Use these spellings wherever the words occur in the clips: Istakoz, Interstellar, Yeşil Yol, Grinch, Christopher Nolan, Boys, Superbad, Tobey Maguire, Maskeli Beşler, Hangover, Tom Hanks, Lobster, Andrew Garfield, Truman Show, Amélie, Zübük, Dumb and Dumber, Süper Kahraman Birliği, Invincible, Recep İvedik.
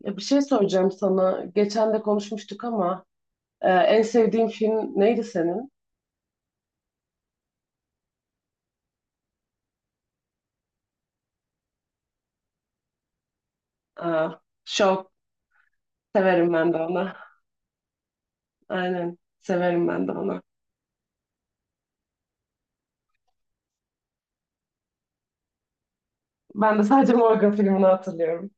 Ya bir şey soracağım sana. Geçen de konuşmuştuk ama en sevdiğin film neydi senin? E, Show. Severim ben de onu. Aynen. Severim ben de onu. Ben de sadece Morgan filmini hatırlıyorum.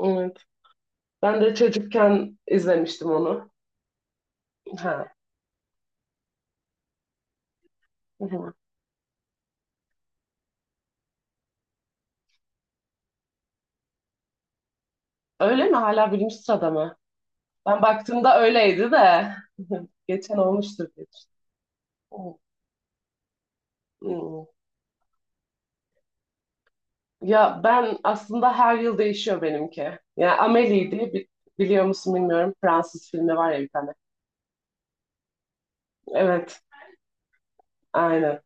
Evet. Ben de çocukken izlemiştim onu. Ha. Hı hı. Öyle mi? Hala birinci sırada mı? Ben baktığımda öyleydi de. Geçen olmuştur diye düşündüm. Hı. Hı. Ya ben aslında her yıl değişiyor benimki. Ya Amélie diye biliyor musun bilmiyorum. Fransız filmi var ya bir tane. Evet, aynen.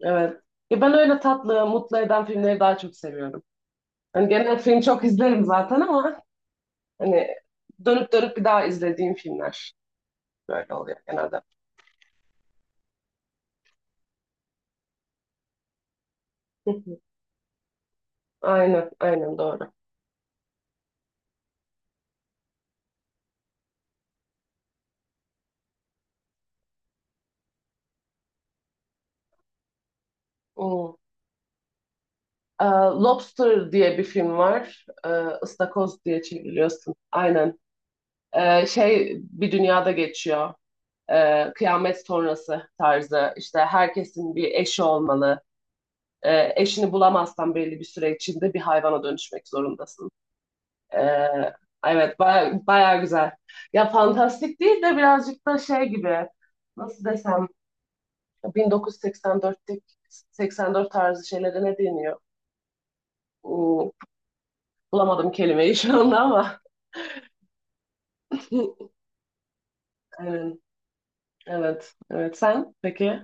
Evet. Ya ben öyle tatlı, mutlu eden filmleri daha çok seviyorum. Hani genel film çok izlerim zaten ama hani dönüp dönüp bir daha izlediğim filmler böyle oluyor genelde. Hı hı. Aynen, aynen doğru. Hmm. Ee, Lobster diye bir film var. Istakoz diye çeviriyorsun. Aynen. Şey bir dünyada geçiyor. Kıyamet sonrası tarzı işte herkesin bir eşi olmalı. Eşini bulamazsan belli bir süre içinde bir hayvana dönüşmek zorundasın. E, evet baya, baya güzel. Ya fantastik değil de birazcık da şey gibi nasıl desem 1984'teki 84 tarzı şeylere ne deniyor? Hmm, Bulamadım kelimeyi şu anda ama. Evet, evet, evet. Sen peki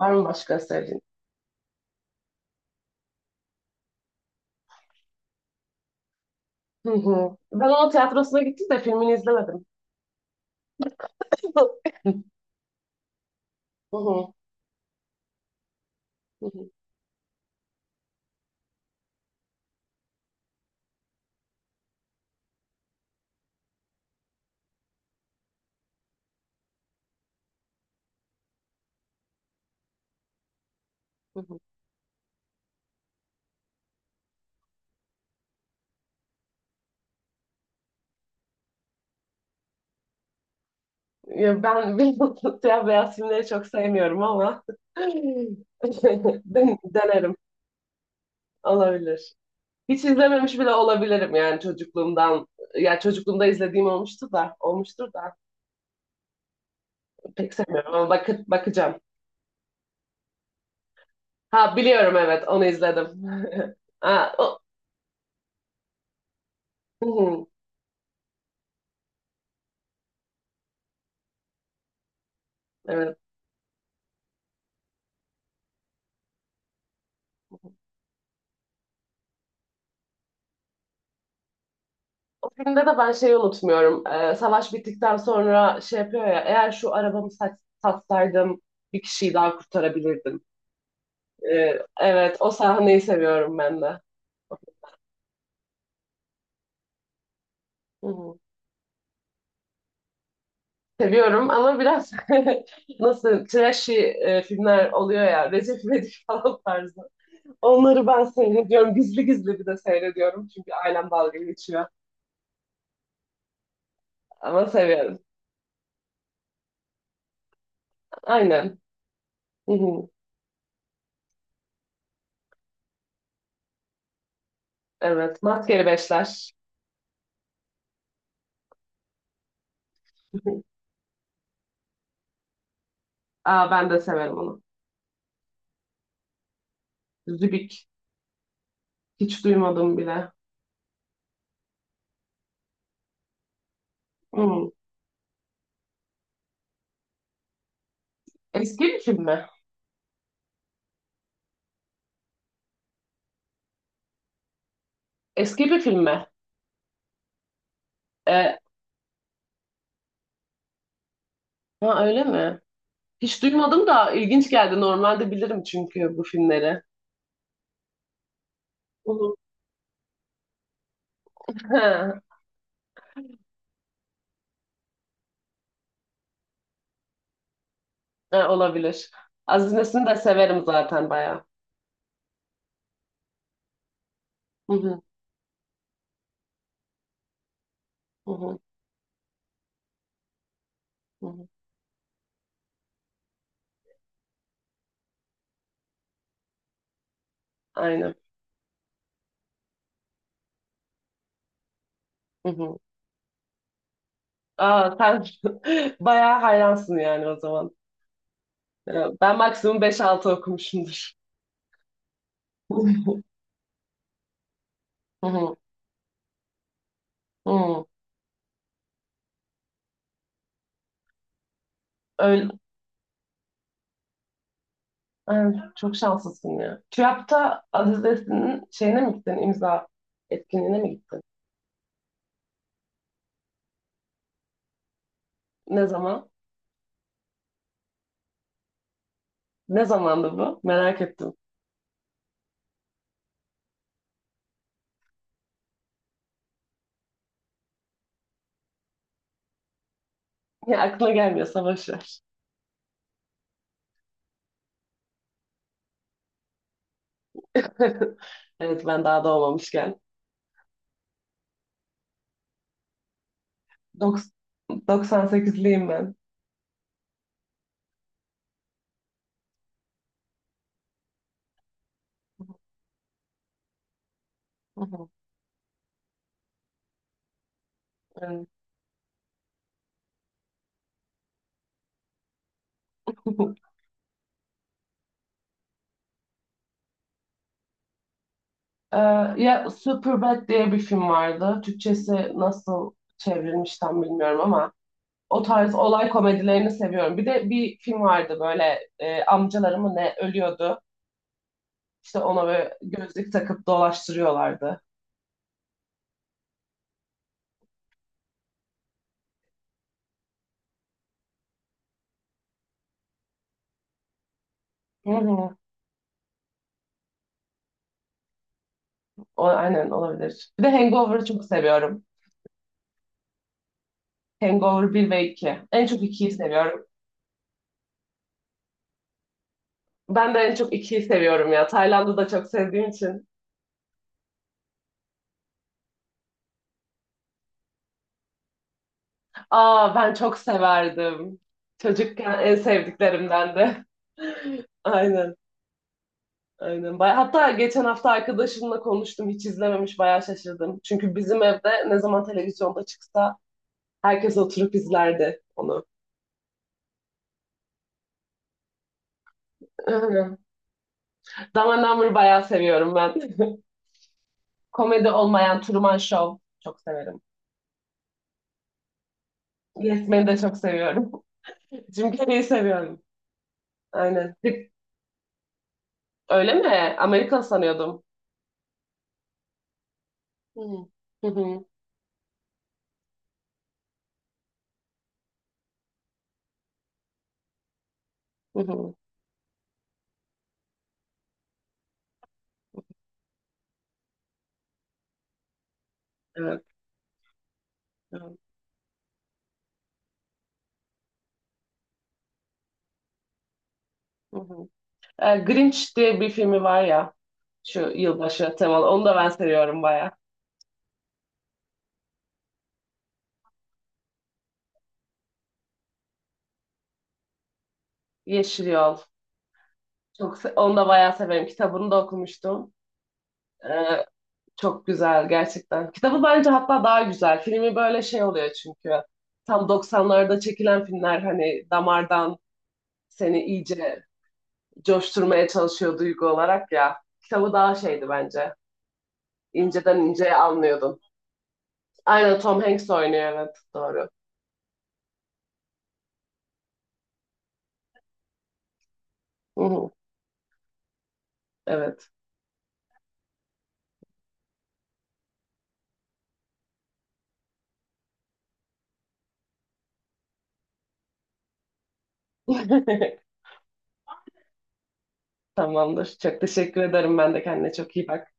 var mı başka sevdiğin? Hı hı. Ben onun tiyatrosuna gittim de filmini izlemedim. Hı hı, hı hı, hı hı. Ya ben bilmiyorum, siyah beyaz filmleri çok sevmiyorum ama denerim. Olabilir. Hiç izlememiş bile olabilirim yani çocukluğumdan. Ya çocukluğumda izlediğim olmuştu da, olmuştur da pek sevmiyorum ama bakacağım. Ha biliyorum, evet, onu izledim. Ha, o, hı hı, evet. O filmde de ben şeyi unutmuyorum. Savaş bittikten sonra şey yapıyor ya, eğer şu arabamı sat, satsaydım bir kişiyi daha kurtarabilirdim. Evet, o sahneyi seviyorum ben de. Hı hı. Seviyorum ama biraz nasıl trashy filmler oluyor ya, Recep İvedik falan tarzı. Onları ben seyrediyorum. Gizli gizli bir de seyrediyorum. Çünkü ailem dalga geçiyor. Ama seviyorum. Aynen. Hı hı. Evet. Maskeli Beşler. Aa, ben de severim onu. Zübük. Hiç duymadım bile. Hı. Eski bir film mi? Eski bir film mi? Ee, ha, öyle mi? Hiç duymadım da ilginç geldi. Normalde bilirim çünkü bu filmleri. Hı hı. Ha, ha, olabilir. Aziz de severim zaten bayağı. Hı hı, hı hı, hı hı. Aynen. Hı hı. Aa, sen bayağı hayransın yani o zaman. Ya, ben maksimum beş altı okumuşumdur. Hı hı, hı. Öyle. Ha, çok şanslısın ya. TÜYAP'ta Aziz Nesin'in şeyine mi gittin? İmza etkinliğine mi gittin? Ne zaman? Ne zamandı bu? Merak ettim. Ya aklına gelmiyorsa boş ver. Evet, ben daha doğmamışken. Doks- 98'liyim ben. Hı hı, evet. Ee, Ya Superbad diye bir film vardı. Türkçesi nasıl çevrilmiş tam bilmiyorum ama o tarz olay komedilerini seviyorum. Bir de bir film vardı böyle amcaları mı ne ölüyordu. İşte ona böyle gözlük takıp dolaştırıyorlardı. Hı hı. O, aynen olabilir. Bir de Hangover'ı çok seviyorum. Hangover bir ve iki. En çok ikiyi seviyorum. Ben de en çok ikiyi seviyorum ya. Tayland'ı da çok sevdiğim için. Aa, ben çok severdim. Çocukken en sevdiklerimden de. Aynen. Aynen. Hatta geçen hafta arkadaşımla konuştum. Hiç izlememiş. Bayağı şaşırdım. Çünkü bizim evde ne zaman televizyonda çıksa herkes oturup izlerdi onu. Aynen. Dumb and Dumber bayağı seviyorum ben. Komedi olmayan Truman Show çok severim. Yes Man'i de çok seviyorum. Jim Carrey'i seviyorum. Aynen. Öyle mi? Amerikan sanıyordum. Hmm. Hı hı hı. Hı. Evet. Evet. Hı hı. Grinch diye bir filmi var ya, şu yılbaşı temalı. Onu da ben seviyorum baya. Yeşil Yol. Onu da bayağı severim. Kitabını da okumuştum. Ee, Çok güzel gerçekten. Kitabı bence hatta daha güzel. Filmi böyle şey oluyor çünkü. Tam doksanlarda çekilen filmler hani damardan seni iyice coşturmaya çalışıyor duygu olarak ya. Kitabı daha şeydi bence. İnceden inceye anlıyordun. Aynen, Tom Hanks oynuyor, evet, doğru. Hı hı, evet. Tamamdır. Çok teşekkür ederim. Ben de kendine çok iyi bak.